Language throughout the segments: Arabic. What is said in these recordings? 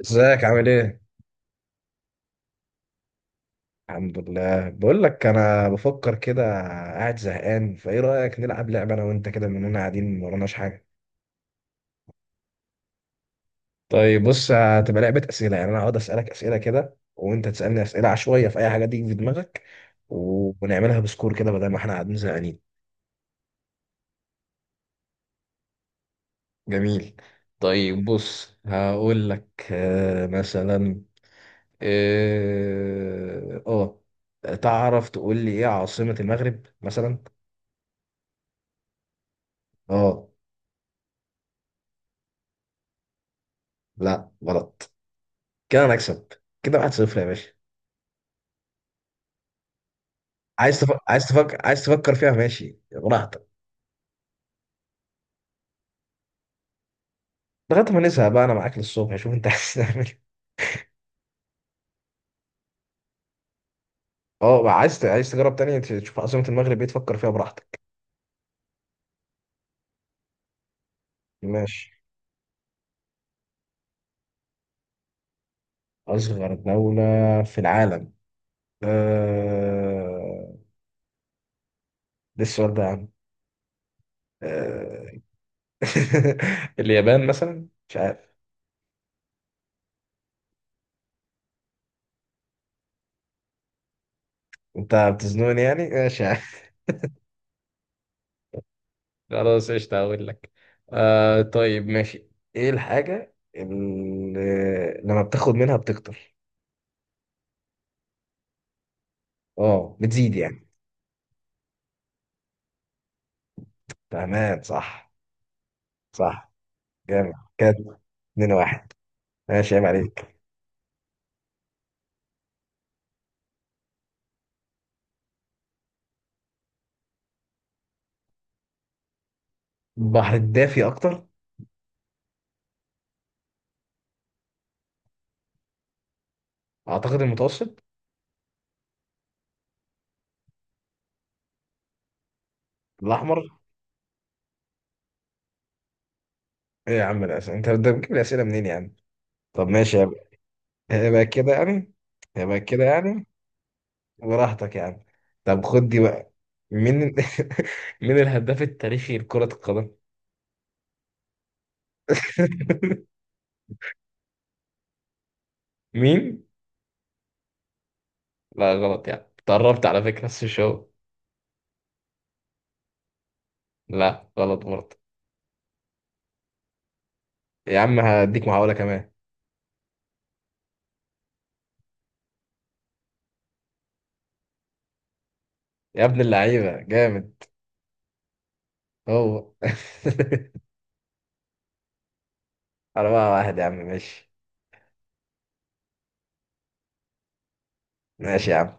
ازيك عامل ايه؟ الحمد لله، بقول لك انا بفكر كده. قاعد زهقان، فايه رايك نلعب لعبه انا وانت كده، مننا قاعدين ما وراناش حاجه. طيب بص، هتبقى لعبه اسئله، يعني انا هقعد اسالك اسئله كده وانت تسالني اسئله عشوائيه في اي حاجه تيجي في دماغك، ونعملها بسكور كده بدل ما احنا قاعدين زهقانين. جميل. طيب بص هقول لك مثلا. اه. تعرف تقول لي ايه عاصمه المغرب مثلا؟ اه. لا غلط. كده انا اكسب. كده 1-0 يا باشا. عايز تفكر فيها ماشي، براحتك. لغايه ما نزهق بقى، انا معاك للصبح، شوف انت عايز تعمل إيه. اه بقى، عايز عايز تجرب تاني تشوف عاصمه المغرب ايه، تفكر فيها براحتك. ماشي. اصغر دوله في العالم. آه... ده السؤال ده يا عم؟ آه... اليابان مثلا، مش عارف. انت بتزنقني يعني، ماشي يا عم. خلاص قشطة، هقول لك. آه طيب ماشي. ايه الحاجة اللي لما بتاخد منها بتكتر؟ اه، بتزيد يعني. تمام صح. صح. جامد كده. اتنين واحد. ماشي، عيب عليك. البحر الدافي اكتر. اعتقد المتوسط. الاحمر. ايه يا عم الاسئله، انت ده بتجيب الاسئله منين يعني؟ طب ماشي، يبقى. يبقى كده يعني. يبقى كده يعني. براحتك يعني. طب خد دي بقى. مين ال- مين الهداف التاريخي لكرة القدم؟ مين؟ لا غلط، يعني تقربت على فكرة بس مش هو. لا غلط برضه. يا عم هديك محاولة كمان. يا ابن اللعيبة جامد. هو. أربعة واحد يا عم، ماشي. ماشي يا عم.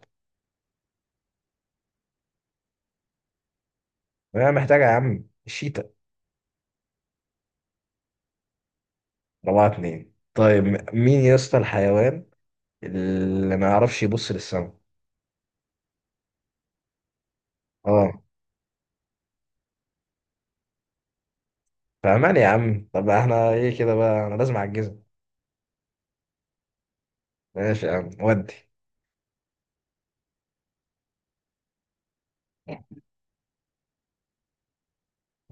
أنا محتاجة يا عم، الشيتا. أربعة اتنين طيب. مين يا اسطى الحيوان اللي ما يعرفش يبص للسما؟ اه. فأمان يا عم، طب احنا ايه كده بقى، أنا لازم أعجزك. ماشي يا عم ودي.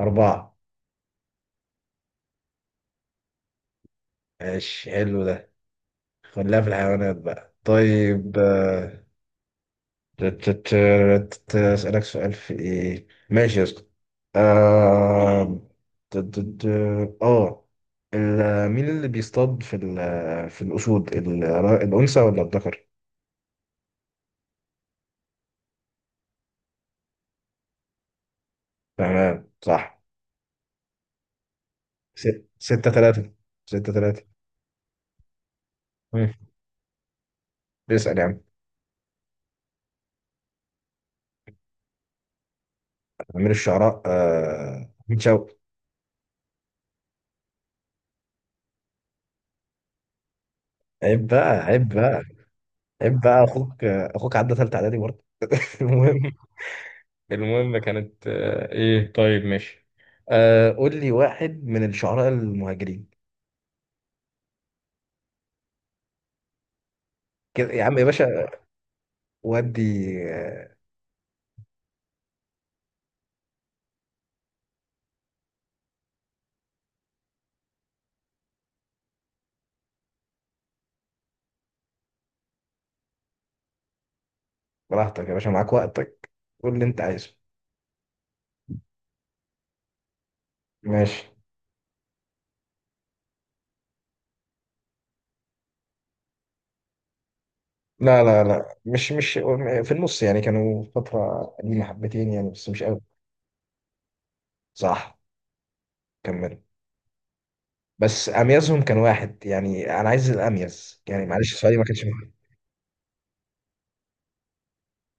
أربعة. ماشي، حلو ده. خليها في الحيوانات بقى، طيب تت- أسألك سؤال في إيه؟ ماشي يا اسطى. آه. ت- ت- ت- آه. مين اللي بيصطاد في الأسود الأنثى ولا الذكر؟ تمام صح. ستة ثلاثة. ستة ثلاثة. مم. بيسأل يا عم. أمير الشعراء، آه أحمد شوقي. عيب بقى، عيب بقى. عيب بقى، أخوك أخوك عدى ثالثة إعدادي برضه. المهم. المهم كانت ايه طيب ماشي. آه قول لي واحد من الشعراء المهاجرين. كده يا عم يا باشا. ودي. آه، براحتك يا باشا، معاك وقتك. قول اللي انت عايزه. ماشي. لا، مش في النص يعني، كانوا فترة قديمة حبتين يعني، بس مش قوي. صح. كمل. بس اميزهم كان واحد يعني، انا عايز الاميز يعني، معلش سؤالي ما كانش مهم.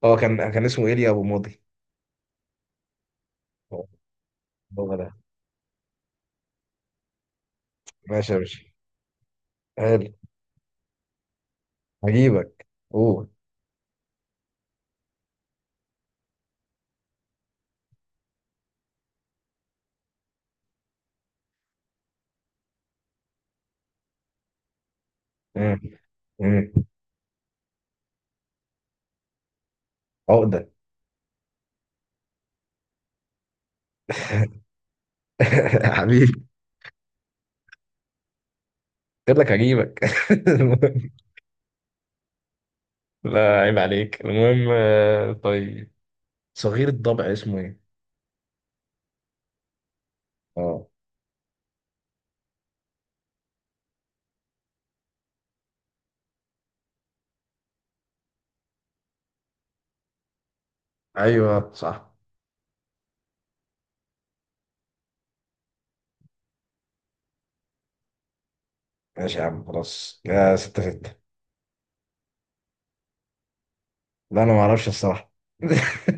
هو كان كان اسمه ايليا ابو ماضي. هو. هو ده. ماشي يا باشا. حلو. هجيبك. قول. مم. مم. عقدة. حبيبي. قلت لك هجيبك. المهم. لا عيب عليك. المهم طيب صغير الضبع اسمه ايه؟ اه. ايوه صح. ماشي يا عم، خلاص يا ستة ستة. لا انا ما اعرفش الصراحة.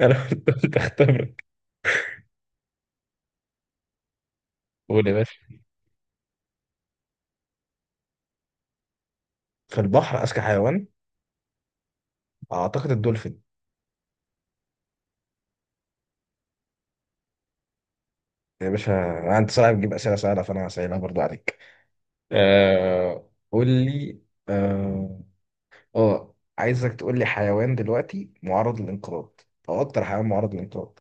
انا كنت قلت اختبرك. قول يا باشا. في البحر اذكى حيوان. اعتقد الدولفين. يا باشا. انت صعب تجيب اسئله سهله، فانا هسألها برضو عليك. قول لي. آه... اه عايزك تقول لي حيوان دلوقتي معرض للانقراض، او اكتر حيوان معرض للانقراض.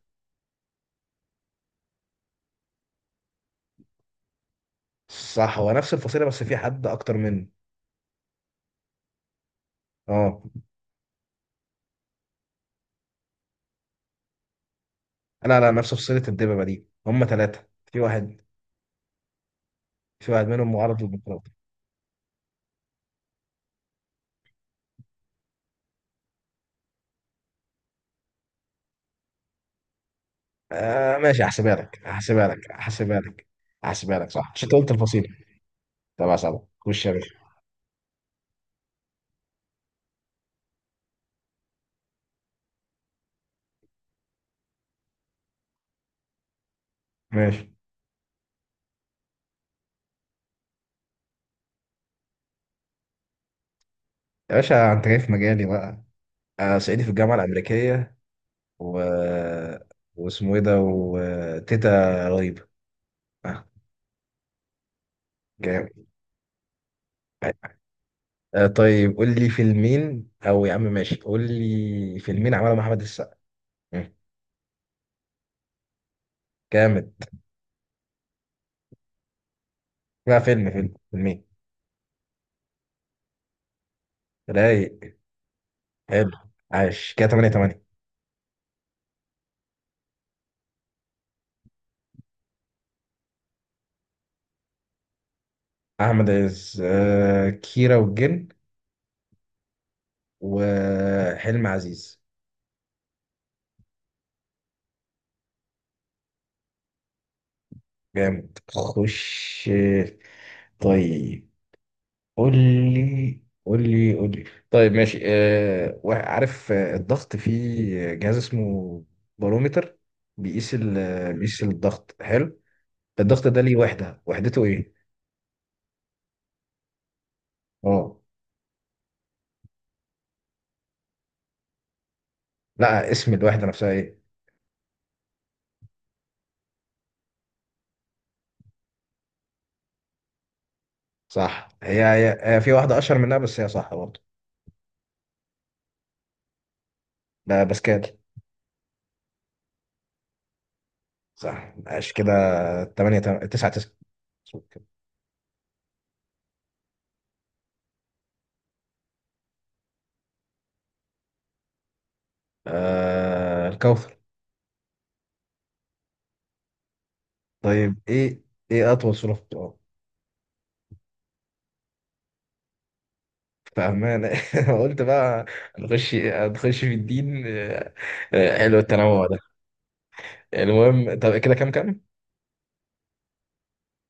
صح، هو نفس الفصيله بس في حد اكتر منه. اه. لا لا نفس فصيله الدببه دي، هم ثلاثه. في واحد. في واحد منهم معرض للانقراض. آه ماشي، هحسبها لك صح، عشان أنت قلت الفصيله. تبع سبعه، خش يا باشا. ماشي. يا باشا انت جاي في مجالي بقى، انا صعيدي في الجامعه الامريكيه، و واسمه ايه ده، وتيتا رهيبه. آه، جامد. آه طيب قول لي فيلمين، او يا عم ماشي قول لي فيلمين عملهم احمد السقا. مم. جامد. لا فيلم، فيلم فيلمين. رايق. حلو. عاش كده 8-8. احمد عز آه كيرة والجن. وحلم عزيز. جامد، خش. طيب. قول لي. طيب ماشي آه، عارف الضغط في جهاز اسمه بارومتر بيقيس بيقيس الضغط، حلو. الضغط ده ليه وحدة، وحدته ايه؟ اه. لا اسم الوحدة نفسها ايه. صح، هي في واحدة اشهر منها بس هي صح برضه. باسكال. صح ماشي كده. 8 9 9. آه الكوثر. طيب ايه، ايه اطول سورة في القرآن. فاهمان قلت بقى. نخش في الدين حلو التنوع ده. المهم، طب كده كام كام؟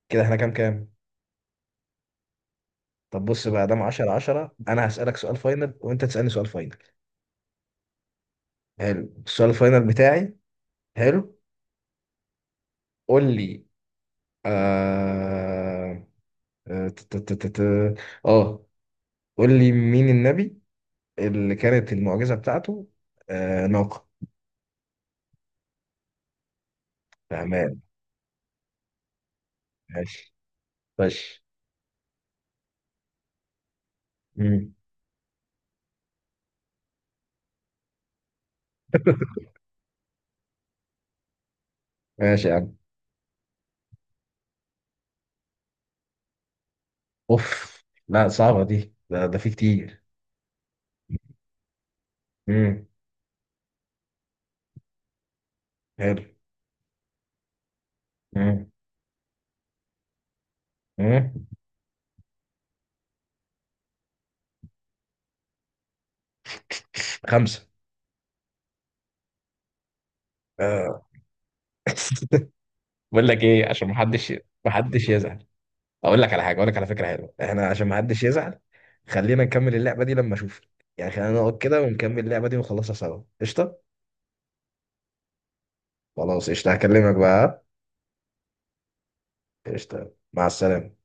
كده احنا كام كام؟ طب بص بقى، دام 10-10، انا هسألك سؤال فاينل وانت تسألني سؤال فاينل. حلو السؤال الفاينل بتاعي. حلو. قول لي. آه آه، ت- ت- ت- ت- آه، قول لي مين النبي اللي كانت المعجزة بتاعته آه ناقة؟ تمام. ماشي. ماشي. مم. ماشي يا عم. اوف. لا صعبة دي، ده في كتير. مم. حلو. مم. مم. خمسة. آه. بقول لك ايه، عشان محدش، محدش يزعل. اقول لك على حاجه، اقول لك على فكره حلوه احنا عشان ما حدش يزعل. خلينا نكمل اللعبه دي لما اشوفك، يعني خلينا نقعد كده ونكمل اللعبه دي ونخلصها سوا قشطه. خلاص قشطه، هكلمك بقى. قشطه مع السلامه.